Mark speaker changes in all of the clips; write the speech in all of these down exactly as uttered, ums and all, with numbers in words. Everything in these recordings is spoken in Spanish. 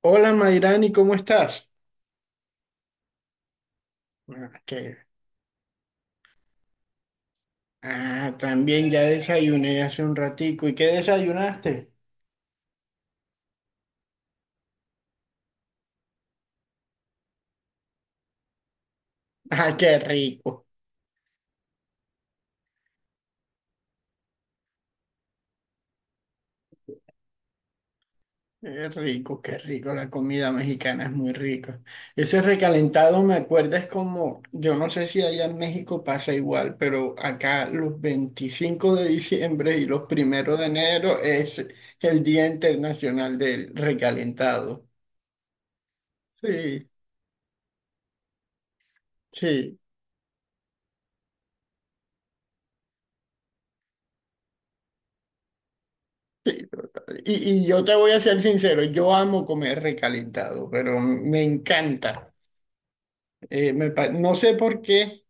Speaker 1: Hola Mayrani, ¿cómo estás? Ah, ¿qué? Ah, también ya desayuné hace un ratico. ¿Y qué desayunaste? Ah, qué rico. Qué rico, qué rico. La comida mexicana es muy rica. Ese recalentado me acuerda es como, yo no sé si allá en México pasa igual, pero acá los veinticinco de diciembre y los primeros de enero es el Día Internacional del Recalentado. Sí, sí. Sí. Y, y yo te voy a ser sincero, yo amo comer recalentado, pero me encanta. Eh, me pa- no sé por qué.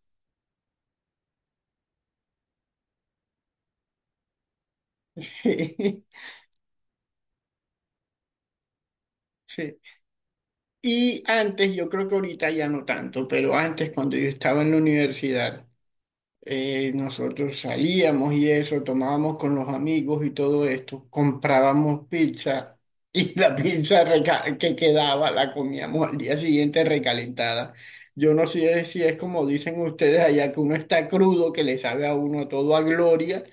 Speaker 1: Sí. Y antes, yo creo que ahorita ya no tanto, pero antes cuando yo estaba en la universidad, eh, nosotros salíamos y eso, tomábamos con los amigos y todo esto, comprábamos pizza y la pizza reca- que quedaba la comíamos al día siguiente recalentada. Yo no sé si es como dicen ustedes allá, que uno está crudo, que le sabe a uno todo a gloria,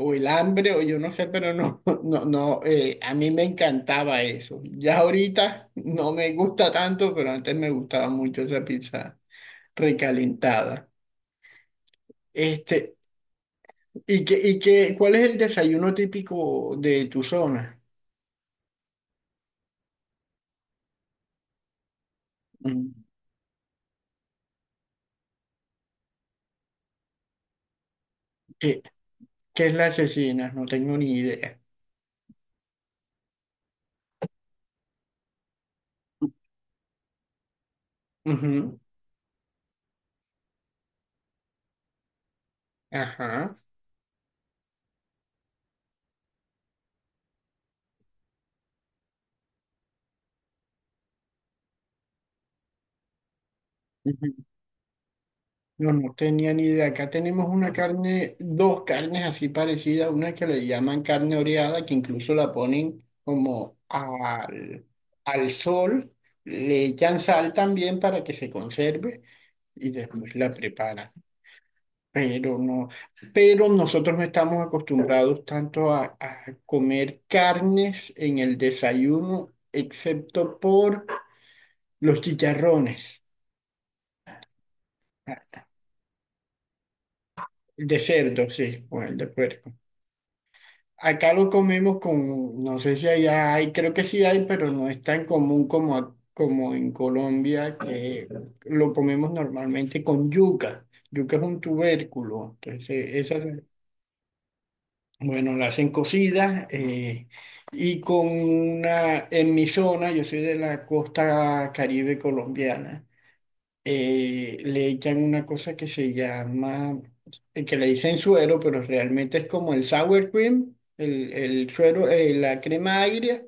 Speaker 1: o el hambre, o yo no sé, pero no, no, no, eh, a mí me encantaba eso. Ya ahorita no me gusta tanto, pero antes me gustaba mucho esa pizza recalentada. Este, ¿Y qué, y qué, cuál es el desayuno típico de tu zona? Mm. ¿Qué, qué es la cecina? No tengo ni idea. Ujú. Ajá. Ujú. No, no tenía ni idea. Acá tenemos una carne, dos carnes así parecidas, una que le llaman carne oreada, que incluso la ponen como al, al sol, le echan sal también para que se conserve y después la preparan. Pero no, pero nosotros no estamos acostumbrados tanto a, a comer carnes en el desayuno, excepto por los chicharrones. Ah, de cerdo, sí, o el de puerco. Acá lo comemos con, no sé si allá hay, creo que sí hay, pero no es tan común como, a- como en Colombia, que lo comemos normalmente con yuca. Yuca es un tubérculo, entonces esa, bueno, la hacen cocida, eh, y con una, en mi zona, yo soy de la costa Caribe colombiana, eh, le echan una cosa que se llama, eh, que le dicen suero, pero realmente es como el sour cream, el, el suero, eh, la crema agria,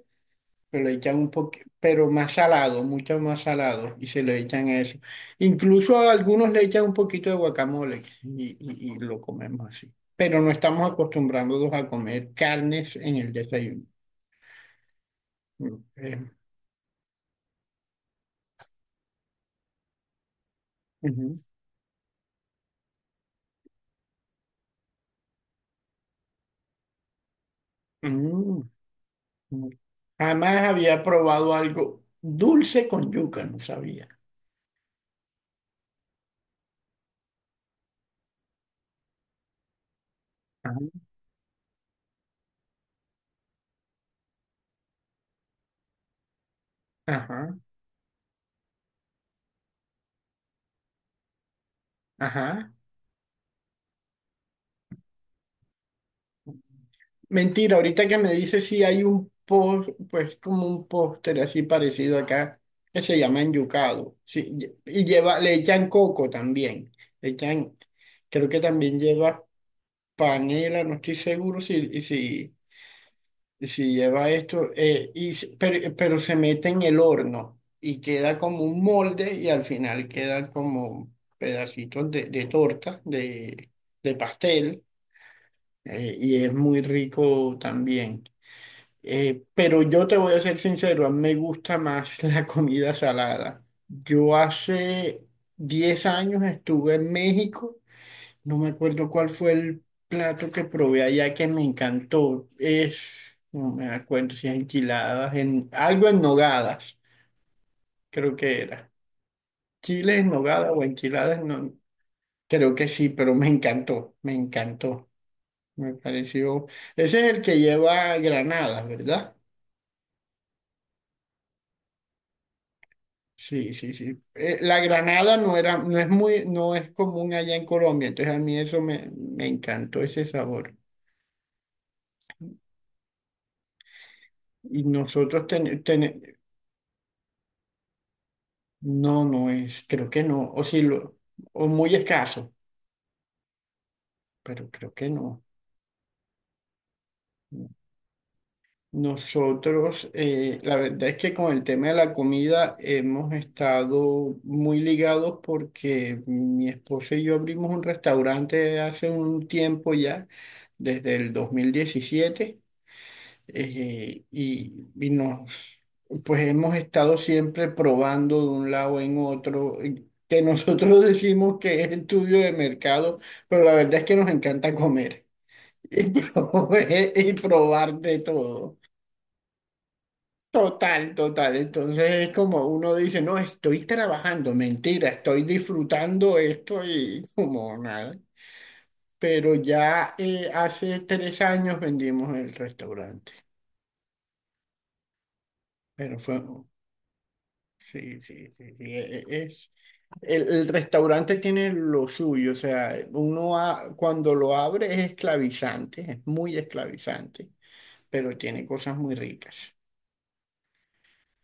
Speaker 1: se lo echan un poco, pero más salado, mucho más salado, y se lo echan a eso. Incluso a algunos le echan un poquito de guacamole y, y- y lo comemos así. Pero no estamos acostumbrándonos a comer carnes en el desayuno. Eh, ujú. Mm, mm. Jamás había probado algo dulce con yuca, no sabía. Ajá, ajá. Ajá. Mentira, ahorita que me dice si hay un post, pues como un póster así parecido acá, que se llama enyucado. Sí, lle- y lleva, le echan coco también. Le echan, creo que también lleva panela, no estoy seguro si, y si, y si lleva esto, eh, y, se- pero, pero se mete en el horno y queda como un molde y al final quedan como pedacitos de, de torta, de, de pastel, eh, y es muy rico también. Eh, pero yo te voy a ser sincero, a mí me gusta más la comida salada. Yo hace diez años estuve en México, no me acuerdo cuál fue el plato que probé allá que me encantó. Es, no me acuerdo si es enchiladas, en, algo en nogadas, creo que era. Chile en nogada o enchiladas, no, creo que sí, pero me encantó, me encantó. Me pareció, ese es el que lleva granadas, ¿verdad? Sí, sí, sí. Eh, la granada no era, no es muy, no es común allá en Colombia, entonces a mí eso me, me encantó ese sabor. Y nosotros ten, ten- no, no es, creo que no, o sí lo, o muy escaso, pero creo que no. Nosotros, eh, la verdad es que con el tema de la comida hemos estado muy ligados porque mi esposa y yo abrimos un restaurante hace un tiempo ya, desde el dos mil diecisiete. eh, y, y nos, pues hemos estado siempre probando de un lado en otro, eh, que nosotros decimos que es estudio de mercado, pero la verdad es que nos encanta comer y, pro- y probar de todo. Total, total. Entonces es como uno dice, no, estoy trabajando, mentira, estoy disfrutando esto y como nada. Pero ya eh, hace tres años vendimos el restaurante, pero fue... Sí, sí, sí, sí, e- e- es, el, el restaurante tiene lo suyo, o sea, uno a- cuando lo abre es esclavizante, es muy esclavizante, pero tiene cosas muy ricas,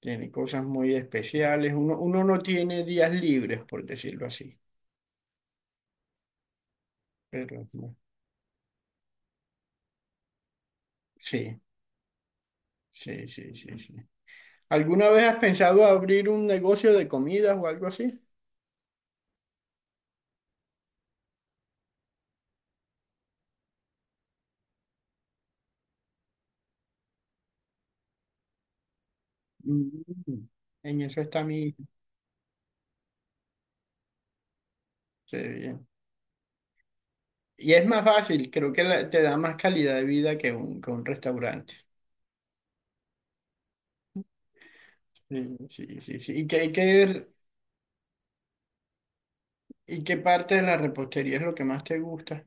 Speaker 1: tiene cosas muy especiales, uno, uno no tiene días libres, por decirlo así, pero no. Sí, sí, sí, sí, sí. ¿Alguna vez has pensado abrir un negocio de comidas o algo así? Mm. En eso está mi... Qué bien. Y es más fácil, creo que la- te da más calidad de vida que un, que un restaurante. Sí, sí, sí, sí. ¿Y qué, y qué, y qué parte de la repostería es lo que más te gusta?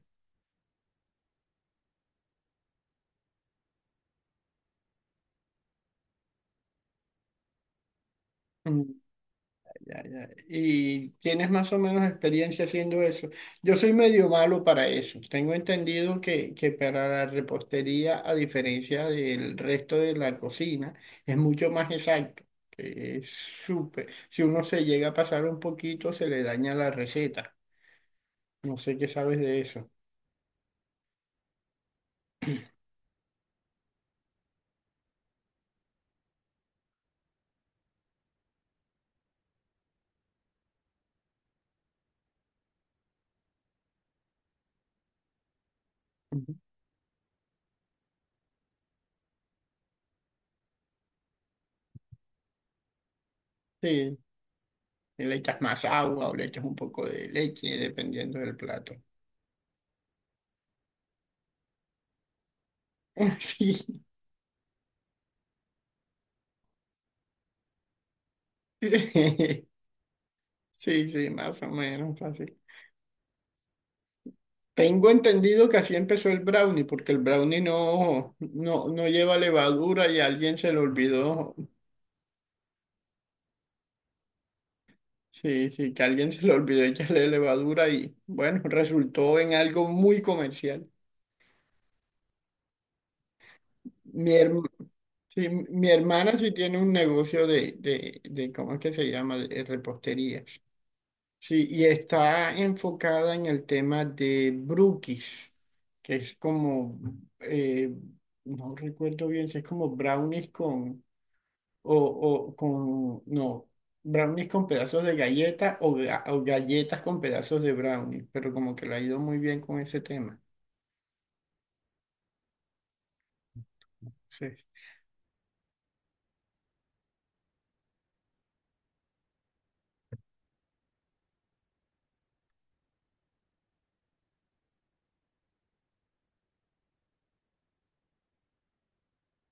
Speaker 1: Mm. Ya, ya. Y tienes más o menos experiencia haciendo eso. Yo soy medio malo para eso. Tengo entendido que, que para la repostería, a diferencia del resto de la cocina, es mucho más exacto. Que es súper. Si uno se llega a pasar un poquito, se le daña la receta. No sé qué sabes de eso. Sí, y le echas más agua o le echas un poco de leche, dependiendo del plato. Sí, sí, sí, más o menos así. Tengo entendido que así empezó el brownie, porque el brownie no, no, no lleva levadura y a alguien se le olvidó. Sí, sí, que a alguien se le olvidó echarle levadura y bueno, resultó en algo muy comercial. Mi, herm- sí, mi hermana sí tiene un negocio de, de, de, ¿cómo es que se llama? De repostería. Sí, y está enfocada en el tema de brookies, que es como, eh, no recuerdo bien si es como brownies con, o, o con, no, brownies con pedazos de galleta o, ga- o galletas con pedazos de brownies, pero como que le ha ido muy bien con ese tema. Sí,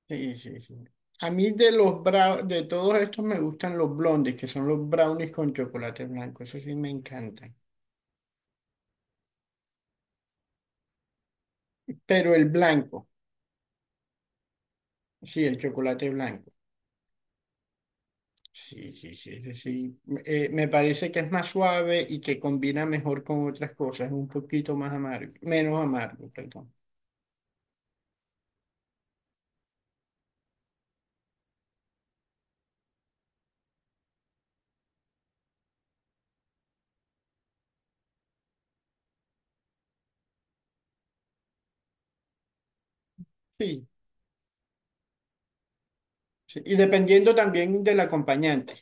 Speaker 1: sí, sí. Sí. A mí de los brownies, de todos estos me gustan los blondes, que son los brownies con chocolate blanco, eso sí me encantan. Pero el blanco, sí, el chocolate blanco. Sí, sí, sí, sí. Sí. Eh, me parece que es más suave y que combina mejor con otras cosas, es un poquito más amargo, menos amargo, perdón. Sí, sí. Y dependiendo también del acompañante,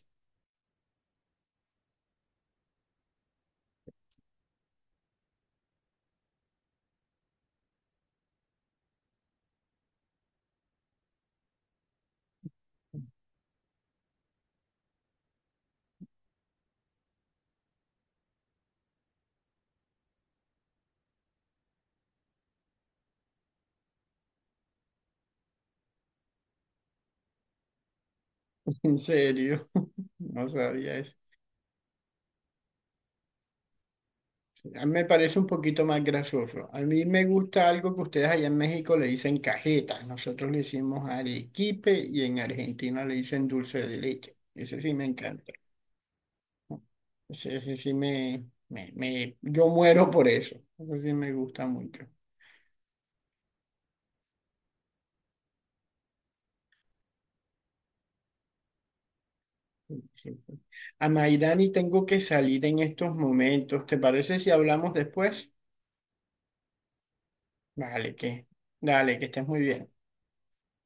Speaker 1: en serio, no sabía eso. A mí me parece un poquito más grasoso. A mí me gusta algo que ustedes allá en México le dicen cajetas, nosotros le decimos arequipe y en Argentina le dicen dulce de leche. Ese sí me encanta. Ese, ese sí me, me, me- yo muero por eso. Eso sí me gusta mucho. Sí, sí. Sí. A Mayrani tengo que salir en estos momentos. ¿Te parece si hablamos después? Vale, que, dale, que estés muy bien.